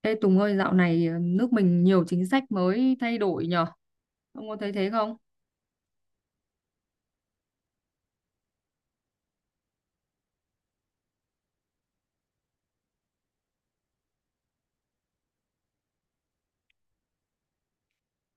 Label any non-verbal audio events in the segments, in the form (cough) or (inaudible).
Ê Tùng ơi, dạo này nước mình nhiều chính sách mới thay đổi nhở? Ông có thấy thế không?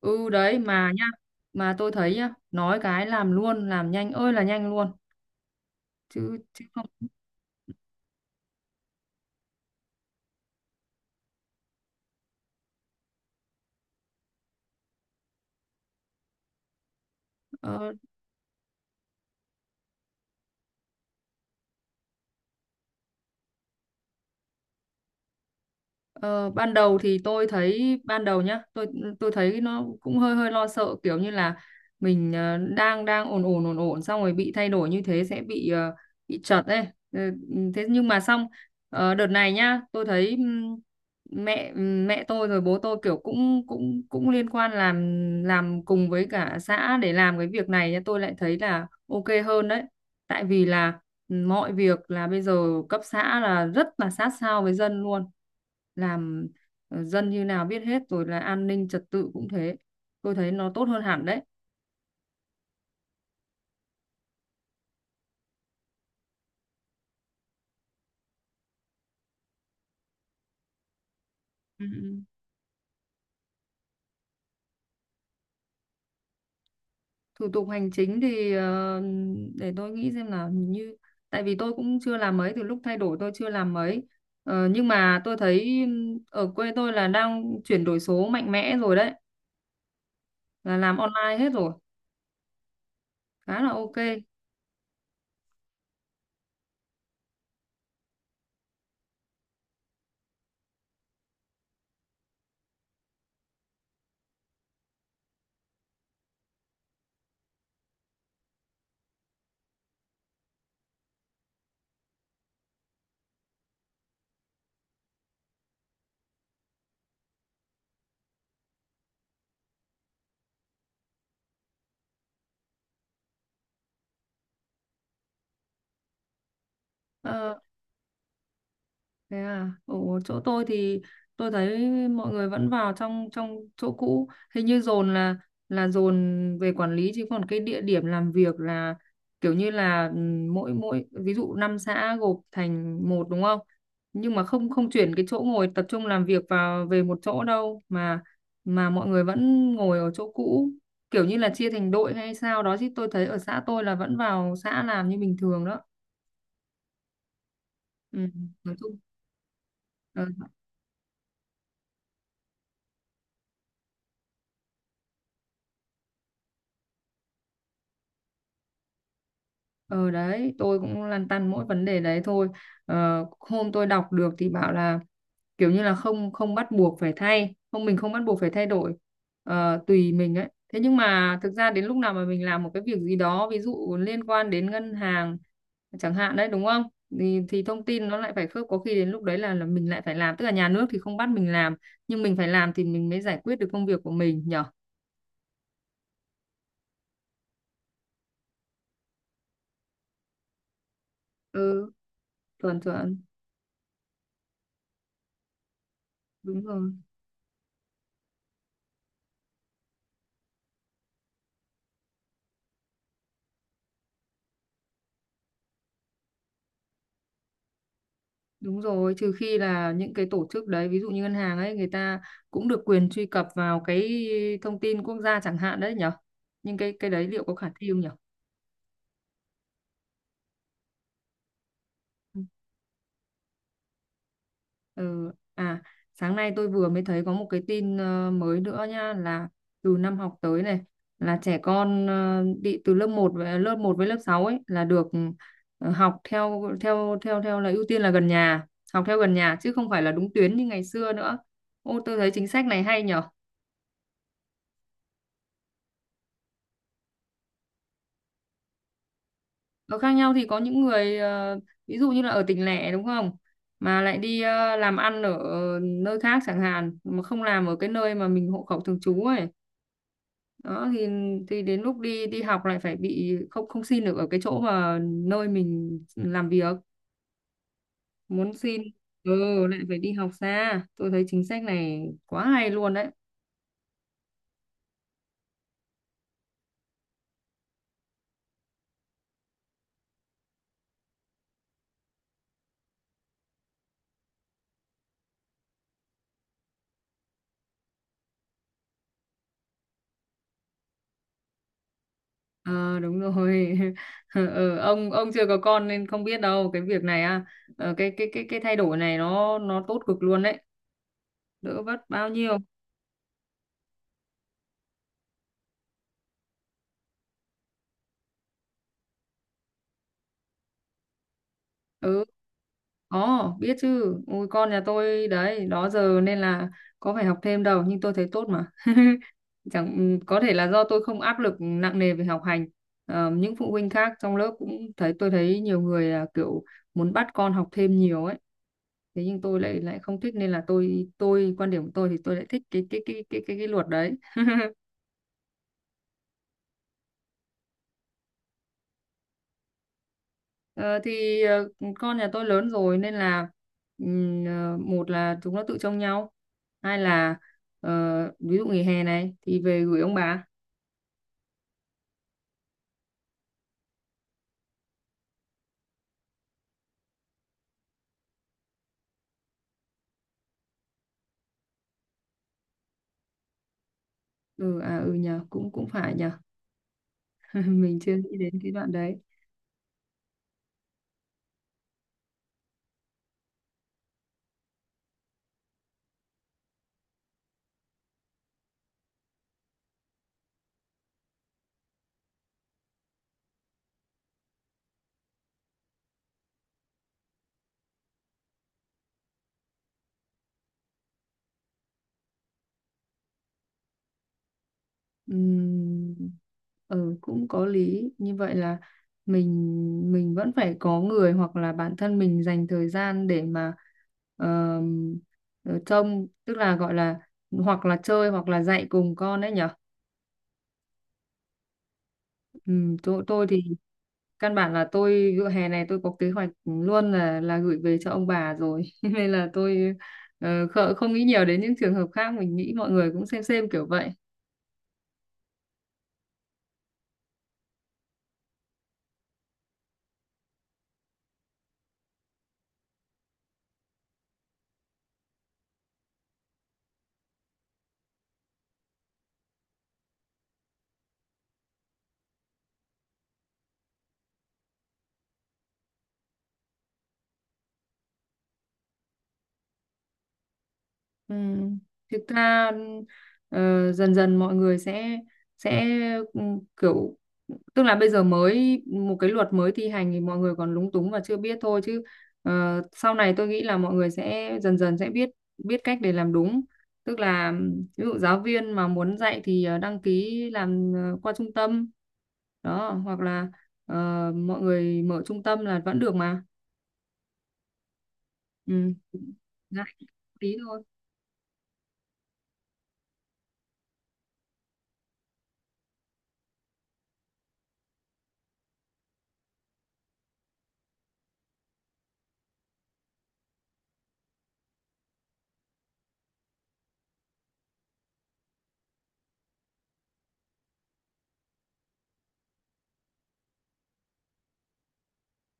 Ừ đấy mà nhá, mà tôi thấy nhá, nói cái làm luôn, làm nhanh ơi là nhanh luôn. Chứ chứ không. Ờ, Ờ, ban đầu thì tôi thấy ban đầu nhá tôi thấy nó cũng hơi hơi lo sợ kiểu như là mình đang đang ổn ổn ổn ổn xong rồi bị thay đổi như thế sẽ bị bị chật ấy. Ừ, thế nhưng mà xong đợt này nhá tôi thấy mẹ, mẹ tôi rồi bố tôi kiểu cũng cũng cũng liên quan làm cùng với cả xã để làm cái việc này nhá tôi lại thấy là ok hơn đấy. Tại vì là mọi việc là bây giờ cấp xã là rất là sát sao với dân luôn. Làm dân như nào biết hết rồi, là an ninh trật tự cũng thế, tôi thấy nó tốt hơn hẳn đấy. Ừ, ừ. Thủ tục hành chính thì để tôi nghĩ xem là hình như, tại vì tôi cũng chưa làm mấy, từ lúc thay đổi tôi chưa làm mấy. Ờ, nhưng mà tôi thấy ở quê tôi là đang chuyển đổi số mạnh mẽ rồi đấy, là làm online hết rồi, khá là ok. Ờ. Thế à, ở chỗ tôi thì tôi thấy mọi người vẫn vào trong trong chỗ cũ, hình như dồn là dồn về quản lý, chứ còn cái địa điểm làm việc là kiểu như là, mỗi mỗi ví dụ 5 xã gộp thành một đúng không? Nhưng mà không, không chuyển cái chỗ ngồi tập trung làm việc vào về một chỗ đâu, mà mọi người vẫn ngồi ở chỗ cũ, kiểu như là chia thành đội hay sao đó, chứ tôi thấy ở xã tôi là vẫn vào xã làm như bình thường đó. Ừ, nói chung ờ, ờ đấy, tôi cũng lăn tăn mỗi vấn đề đấy thôi. Ờ, hôm tôi đọc được thì bảo là kiểu như là không, không bắt buộc phải thay, không mình không bắt buộc phải thay đổi, tùy mình ấy. Thế nhưng mà thực ra đến lúc nào mà mình làm một cái việc gì đó, ví dụ liên quan đến ngân hàng chẳng hạn đấy đúng không? Thì thông tin nó lại phải khớp, có khi đến lúc đấy là mình lại phải làm, tức là nhà nước thì không bắt mình làm, nhưng mình phải làm thì mình mới giải quyết được công việc của mình nhở? Ừ, chuẩn chuẩn, đúng rồi. Đúng rồi, trừ khi là những cái tổ chức đấy, ví dụ như ngân hàng ấy, người ta cũng được quyền truy cập vào cái thông tin quốc gia chẳng hạn đấy nhở. Nhưng cái đấy liệu có khả thi không nhở? Ừ. À, sáng nay tôi vừa mới thấy có một cái tin mới nữa nha là từ năm học tới này là trẻ con đi từ lớp một với lớp một với lớp 6 ấy là được học theo theo theo theo là ưu tiên là gần nhà, học theo gần nhà chứ không phải là đúng tuyến như ngày xưa nữa. Ô tôi thấy chính sách này hay nhở. Nó khác nhau, thì có những người ví dụ như là ở tỉnh lẻ đúng không, mà lại đi làm ăn ở nơi khác chẳng hạn, mà không làm ở cái nơi mà mình hộ khẩu thường trú ấy, đó thì đến lúc đi đi học lại phải bị, không không xin được ở cái chỗ mà nơi mình làm việc muốn xin. Ừ, lại phải đi học xa, tôi thấy chính sách này quá hay luôn đấy. Ờ đúng rồi. (laughs) Ừ, ông chưa có con nên không biết đâu cái việc này à, cái thay đổi này nó tốt cực luôn đấy, đỡ vất bao nhiêu. Ừ, có biết chứ, ui con nhà tôi đấy đó giờ nên là có phải học thêm đâu, nhưng tôi thấy tốt mà. (laughs) Chẳng, ừ, có thể là do tôi không áp lực nặng nề về học hành. Ờ, những phụ huynh khác trong lớp cũng thấy, tôi thấy nhiều người là kiểu muốn bắt con học thêm nhiều ấy, thế nhưng tôi lại, lại không thích, nên là tôi quan điểm của tôi thì tôi lại thích cái cái luật đấy. (laughs) Ờ, thì con nhà tôi lớn rồi nên là, một là chúng nó tự trông nhau, hai là ờ, ví dụ nghỉ hè này thì về gửi ông bà. Ừ à ừ nhờ, cũng cũng phải nhờ. (laughs) Mình chưa nghĩ đến cái đoạn đấy. Ừm, ừ cũng có lý, như vậy là mình vẫn phải có người hoặc là bản thân mình dành thời gian để mà ờm, trông, tức là gọi là hoặc là chơi hoặc là dạy cùng con đấy nhỉ. Ừ, tôi thì căn bản là tôi vụ hè này tôi có kế hoạch luôn là gửi về cho ông bà rồi. (laughs) Nên là tôi không nghĩ nhiều đến những trường hợp khác, mình nghĩ mọi người cũng xem kiểu vậy. Ừ. Thực ra ừ, ờ, dần dần mọi người sẽ ừ, kiểu, tức là bây giờ mới một cái luật mới thi hành thì mọi người còn lúng túng và chưa biết thôi, chứ sau này tôi nghĩ là mọi người sẽ dần dần sẽ biết, biết cách để làm đúng, tức là ví dụ giáo viên mà muốn dạy thì đăng ký làm qua trung tâm đó, hoặc là ờ, mọi người mở trung tâm là vẫn được mà. Ừ. Dạy tí thôi.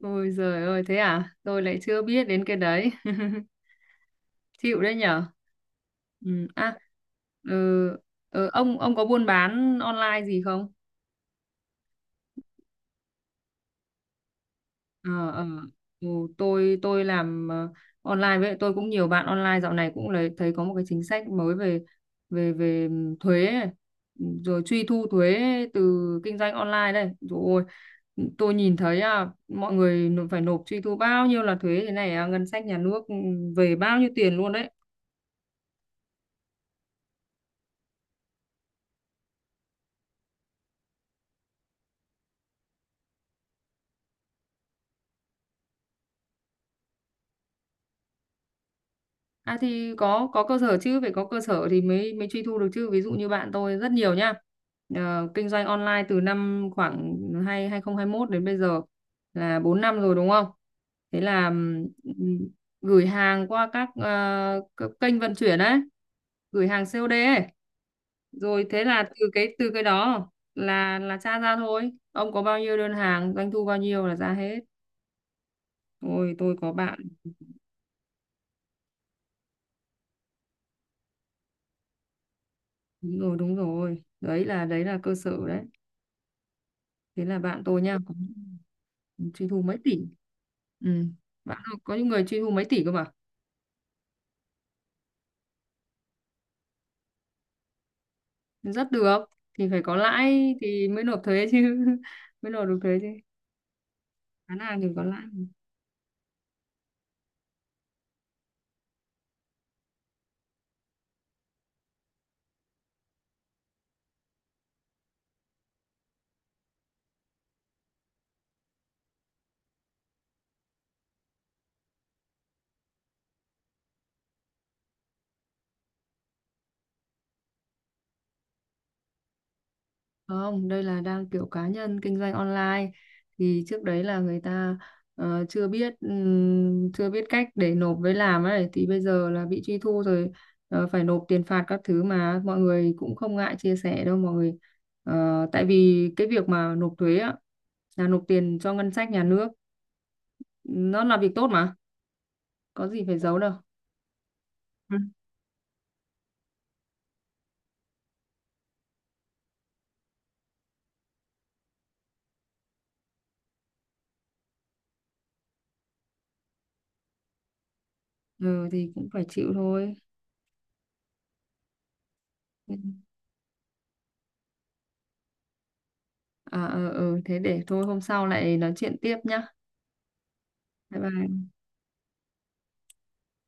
Ôi giời ơi thế à, tôi lại chưa biết đến cái đấy. (laughs) Chịu đấy nhở. Ừ. À. Ừ. Ừ. Ông có buôn bán online gì không? Ờ ờ. Ừ. tôi làm online, với tôi cũng nhiều bạn online, dạo này cũng lấy thấy có một cái chính sách mới về về về thuế ấy. Ừ, rồi truy thu thuế từ kinh doanh online đây rồi, tôi nhìn thấy à, mọi người phải nộp truy thu bao nhiêu là thuế thế này à, ngân sách nhà nước ừ, về bao nhiêu tiền luôn đấy. À thì có cơ sở chứ, phải có cơ sở thì mới mới truy thu được chứ. Ví dụ như bạn tôi rất nhiều nhá. Ờ, kinh doanh online từ năm khoảng hai 2021 đến bây giờ là 4 năm rồi đúng không? Thế là ừm, gửi hàng qua các các kênh vận chuyển ấy, gửi hàng COD ấy. Rồi thế là từ cái đó là tra ra thôi. Ông có bao nhiêu đơn hàng, doanh thu bao nhiêu là ra hết. Ôi tôi có bạn. Đúng rồi, đúng rồi. Đấy là cơ sở đấy. Thế là bạn tôi nha có truy thu mấy tỷ. Ừ. Bạn tôi có những người truy thu mấy tỷ cơ mà. Rất được, thì phải có lãi thì mới nộp thuế chứ. (laughs) Mới nộp được thuế chứ, bán hàng thì có lãi. Không, đây là đang kiểu cá nhân kinh doanh online, thì trước đấy là người ta chưa biết chưa biết cách để nộp với làm ấy, thì bây giờ là bị truy thu rồi, phải nộp tiền phạt các thứ, mà mọi người cũng không ngại chia sẻ đâu mọi người. Ờ, tại vì cái việc mà nộp thuế á là nộp tiền cho ngân sách nhà nước, nó là việc tốt mà, có gì phải giấu đâu. Ừ. Ừ, thì cũng phải chịu thôi. À ờ ừ, thế để thôi hôm sau lại nói chuyện tiếp nhá. Bye bye.